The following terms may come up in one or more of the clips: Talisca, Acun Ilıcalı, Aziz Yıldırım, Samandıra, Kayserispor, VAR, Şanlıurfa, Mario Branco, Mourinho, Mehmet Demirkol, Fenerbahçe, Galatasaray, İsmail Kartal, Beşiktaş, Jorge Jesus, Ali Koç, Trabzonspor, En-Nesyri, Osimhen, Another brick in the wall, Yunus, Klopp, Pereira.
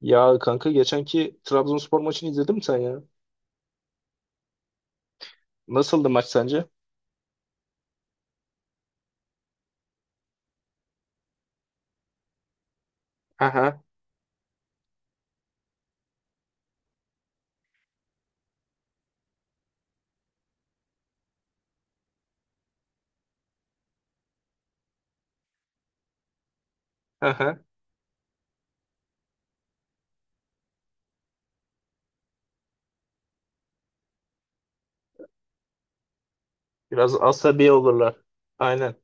Ya kanka geçenki Trabzonspor maçını izledin mi sen ya? Nasıldı maç sence? Aha, aha. Biraz asabi olurlar. Aynen.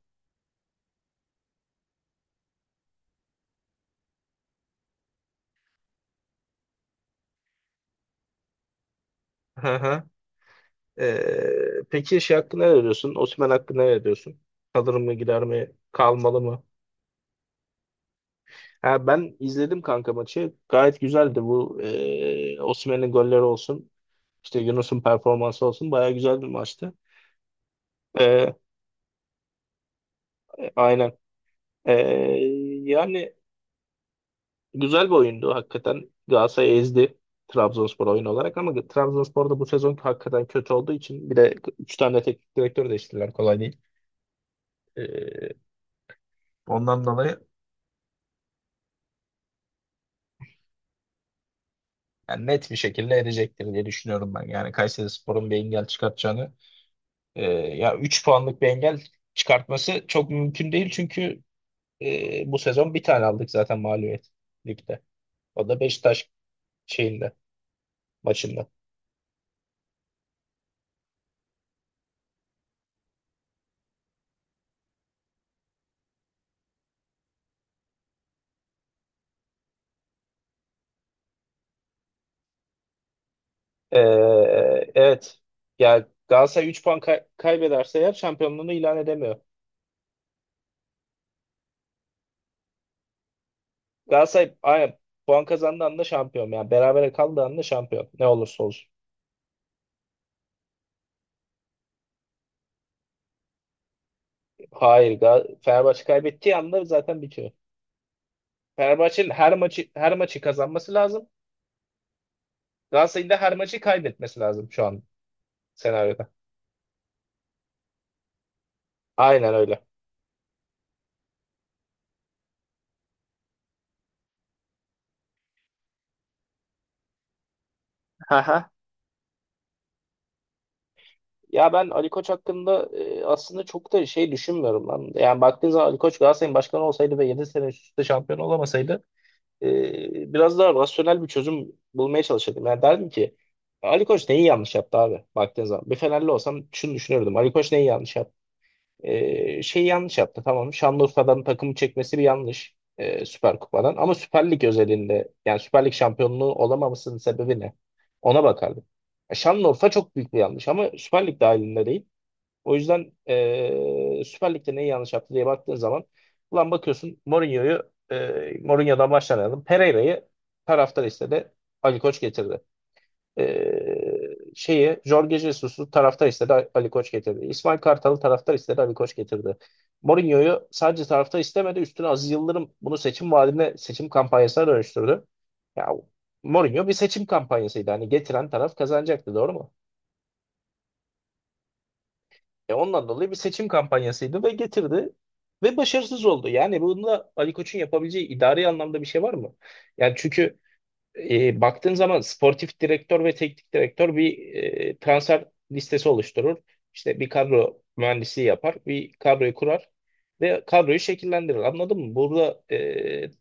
Aha. Peki şey hakkında ne diyorsun? Osimhen hakkında ne diyorsun? Kalır mı gider mi? Kalmalı mı? Ha, ben izledim kanka maçı. Gayet güzeldi bu. Osimhen'in golleri olsun. İşte Yunus'un performansı olsun. Baya güzel bir maçtı. Ee, aynen. Ee, Yani güzel bir oyundu hakikaten. Galatasaray ezdi Trabzonspor oyun olarak ama Trabzonspor da bu sezon hakikaten kötü olduğu için bir de 3 tane teknik direktör değiştirdiler kolay değil. Ee, ondan dolayı yani net bir şekilde edecektir diye düşünüyorum ben. Yani Kayserispor'un bir engel çıkartacağını ya 3 puanlık bir engel çıkartması çok mümkün değil çünkü bu sezon bir tane aldık zaten mağlubiyet ligde. O da Beşiktaş şeyinde maçında. Ee, evet. Yani Galatasaray 3 puan kaybederse eğer şampiyonluğunu ilan edemiyor. Galatasaray aynen, puan kazandığı anda şampiyon. Yani berabere kaldığı anda şampiyon. Ne olursa olsun. Hayır. Fenerbahçe kaybettiği anda zaten bitiyor. Fenerbahçe'nin her maçı her maçı kazanması lazım. Galatasaray'ın da her maçı kaybetmesi lazım şu an senaryoda. Aynen öyle. Hı hı. Ya ben Ali Koç hakkında aslında çok da şey düşünmüyorum lan. Yani baktığın zaman Ali Koç Galatasaray'ın başkanı olsaydı ve 7 sene üst üste şampiyon olamasaydı biraz daha rasyonel bir çözüm bulmaya çalışırdım. Yani derdim ki Ali Koç neyi yanlış yaptı abi baktığın zaman. Bir Fenerli olsam şunu düşünürdüm. Ali Koç neyi yanlış yaptı? Şeyi yanlış yaptı tamam. Şanlıurfa'dan takımı çekmesi bir yanlış. Süper Kupa'dan. Ama Süper Lig özelinde yani Süper Lig şampiyonluğu olamamasının sebebi ne? Ona bakardım. Şanlıurfa çok büyük bir yanlış ama Süper Lig dahilinde değil. O yüzden Süper Lig'de neyi yanlış yaptı diye baktığın zaman ulan bakıyorsun Mourinho'yu Mourinho'dan başlayalım. Pereira'yı taraftar istedi. Ali Koç getirdi. Şeyi Jorge Jesus'u taraftar istedi. Ali Koç getirdi. İsmail Kartal'ı taraftar istedi. Ali Koç getirdi. Mourinho'yu sadece taraftar istemedi. Üstüne Aziz Yıldırım bunu seçim vaadine, seçim kampanyasına dönüştürdü. Ya Mourinho bir seçim kampanyasıydı. Hani getiren taraf kazanacaktı. Doğru mu? Ondan dolayı bir seçim kampanyasıydı ve getirdi ve başarısız oldu. Yani bunda Ali Koç'un yapabileceği idari anlamda bir şey var mı? Yani çünkü baktığın zaman sportif direktör ve teknik direktör bir transfer listesi oluşturur. İşte bir kadro mühendisliği yapar, bir kadroyu kurar ve kadroyu şekillendirir. Anladın mı? Burada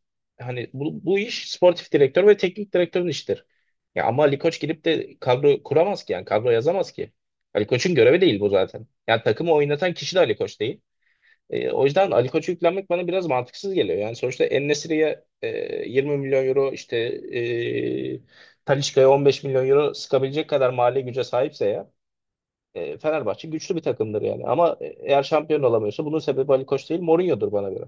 hani bu iş sportif direktör ve teknik direktörün işidir. Ya ama Ali Koç gidip de kadro kuramaz ki yani kadro yazamaz ki. Ali Koç'un görevi değil bu zaten. Yani takımı oynatan kişi de Ali Koç değil. O yüzden Ali Koç'u yüklenmek bana biraz mantıksız geliyor. Yani sonuçta En-Nesyri'ye 20 milyon euro işte Talisca'ya 15 milyon euro sıkabilecek kadar mali güce sahipse ya Fenerbahçe güçlü bir takımdır yani. Ama eğer şampiyon olamıyorsa bunun sebebi Ali Koç değil Mourinho'dur bana göre.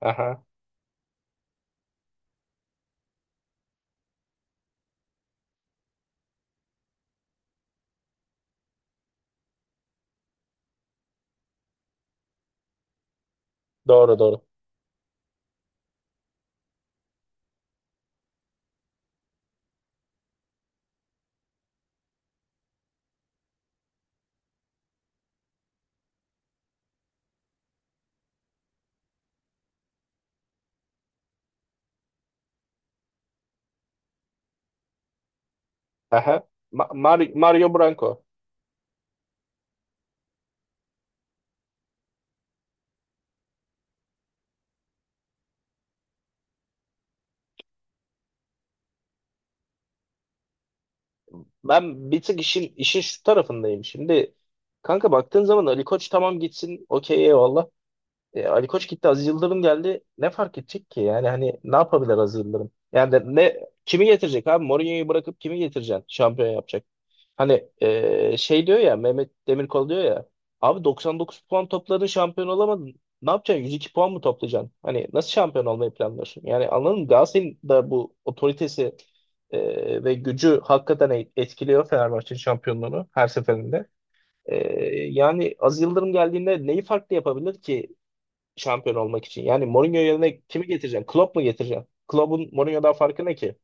Aha, doğru doğru. Aha, Mario Branco. Ben bir tık işin şu tarafındayım. Şimdi kanka baktığın zaman Ali Koç tamam gitsin okey eyvallah. Ali Koç gitti, Aziz Yıldırım geldi. Ne fark edecek ki? Yani hani ne yapabilir Aziz Yıldırım? Yani de ne kimi getirecek abi? Mourinho'yu bırakıp kimi getireceksin? Şampiyon yapacak. Hani şey diyor ya Mehmet Demirkol diyor ya. Abi 99 puan topladın şampiyon olamadın. Ne yapacaksın? 102 puan mı toplayacaksın? Hani nasıl şampiyon olmayı planlıyorsun? Yani anladın mı? Galatasaray'ın da bu otoritesi ve gücü hakikaten etkiliyor Fenerbahçe'nin şampiyonluğunu her seferinde. E, yani Aziz Yıldırım geldiğinde neyi farklı yapabilir ki şampiyon olmak için. Yani Mourinho yerine kimi getireceksin? Klopp mu getireceksin? Klopp'un Mourinho'dan farkı ne ki?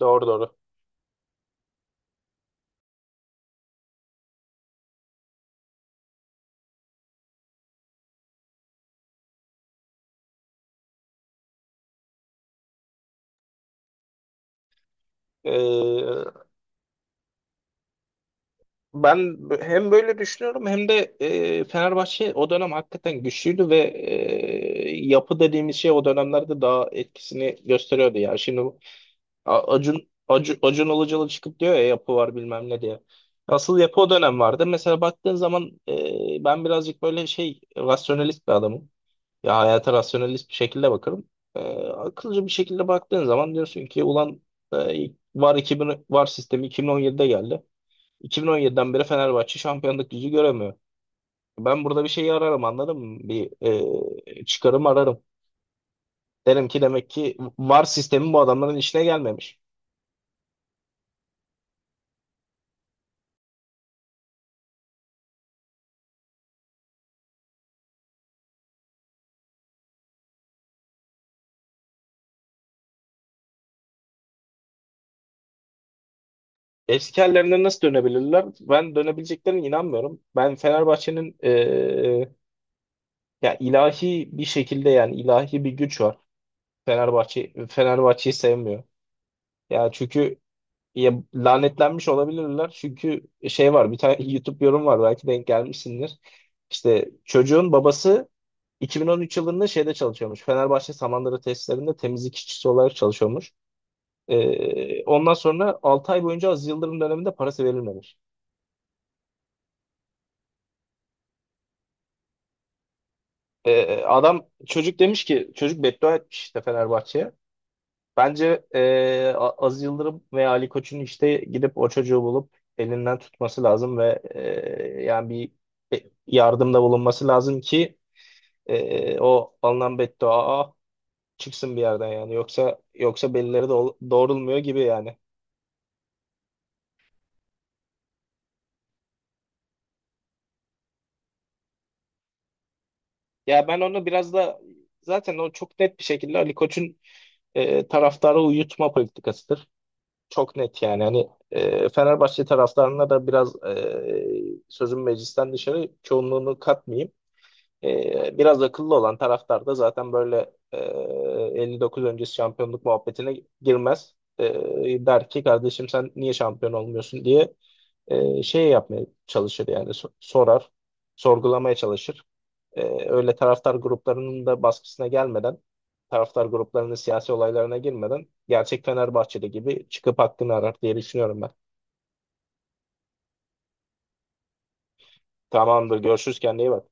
Doğru doğru. Ee, ben hem böyle düşünüyorum hem de Fenerbahçe o dönem hakikaten güçlüydü ve yapı dediğimiz şey o dönemlerde daha etkisini gösteriyordu ya. Şimdi Acun Ilıcalı çıkıp diyor ya yapı var bilmem ne diye. Asıl yapı o dönem vardı. Mesela baktığın zaman ben birazcık böyle şey rasyonelist bir adamım. Ya hayata rasyonelist bir şekilde bakarım. Ee, akılcı bir şekilde baktığın zaman diyorsun ki ulan e, VAR 2000 VAR sistemi 2017'de geldi. 2017'den beri Fenerbahçe şampiyonluk yüzü göremiyor. Ben burada bir şeyi ararım anladın mı? Bir çıkarım ararım. Derim ki demek ki VAR sistemi bu adamların işine gelmemiş. Eski hallerine nasıl dönebilirler? Ben dönebileceklerine inanmıyorum. Ben Fenerbahçe'nin ya ilahi bir şekilde yani ilahi bir güç var. Fenerbahçe Fenerbahçe'yi sevmiyor. Ya çünkü ya lanetlenmiş olabilirler. Çünkü şey var bir tane YouTube yorum var belki denk gelmişsindir. İşte çocuğun babası 2013 yılında şeyde çalışıyormuş. Fenerbahçe Samandıra tesislerinde temizlik işçisi olarak çalışıyormuş. Ondan sonra 6 ay boyunca Aziz Yıldırım döneminde parası verilmemiş. Adam Çocuk demiş ki çocuk beddua etmiş işte Fenerbahçe'ye. Bence Aziz Yıldırım veya Ali Koç'un işte gidip o çocuğu bulup elinden tutması lazım ve yani bir yardımda bulunması lazım ki o alınan beddua çıksın bir yerden yani yoksa yoksa belleri de doğrulmuyor gibi yani. Ya ben onu biraz da zaten o çok net bir şekilde Ali Koç'un taraftarı uyutma politikasıdır. Çok net yani hani Fenerbahçe taraftarına da biraz sözüm meclisten dışarı çoğunluğunu katmayayım. Biraz akıllı olan taraftar da zaten böyle 59 öncesi şampiyonluk muhabbetine girmez. Der ki kardeşim sen niye şampiyon olmuyorsun diye şey yapmaya çalışır yani sorar, sorgulamaya çalışır. Öyle taraftar gruplarının da baskısına gelmeden, taraftar gruplarının siyasi olaylarına girmeden gerçek Fenerbahçeli gibi çıkıp hakkını arar diye düşünüyorum ben. Tamamdır, görüşürüz kendine iyi bak.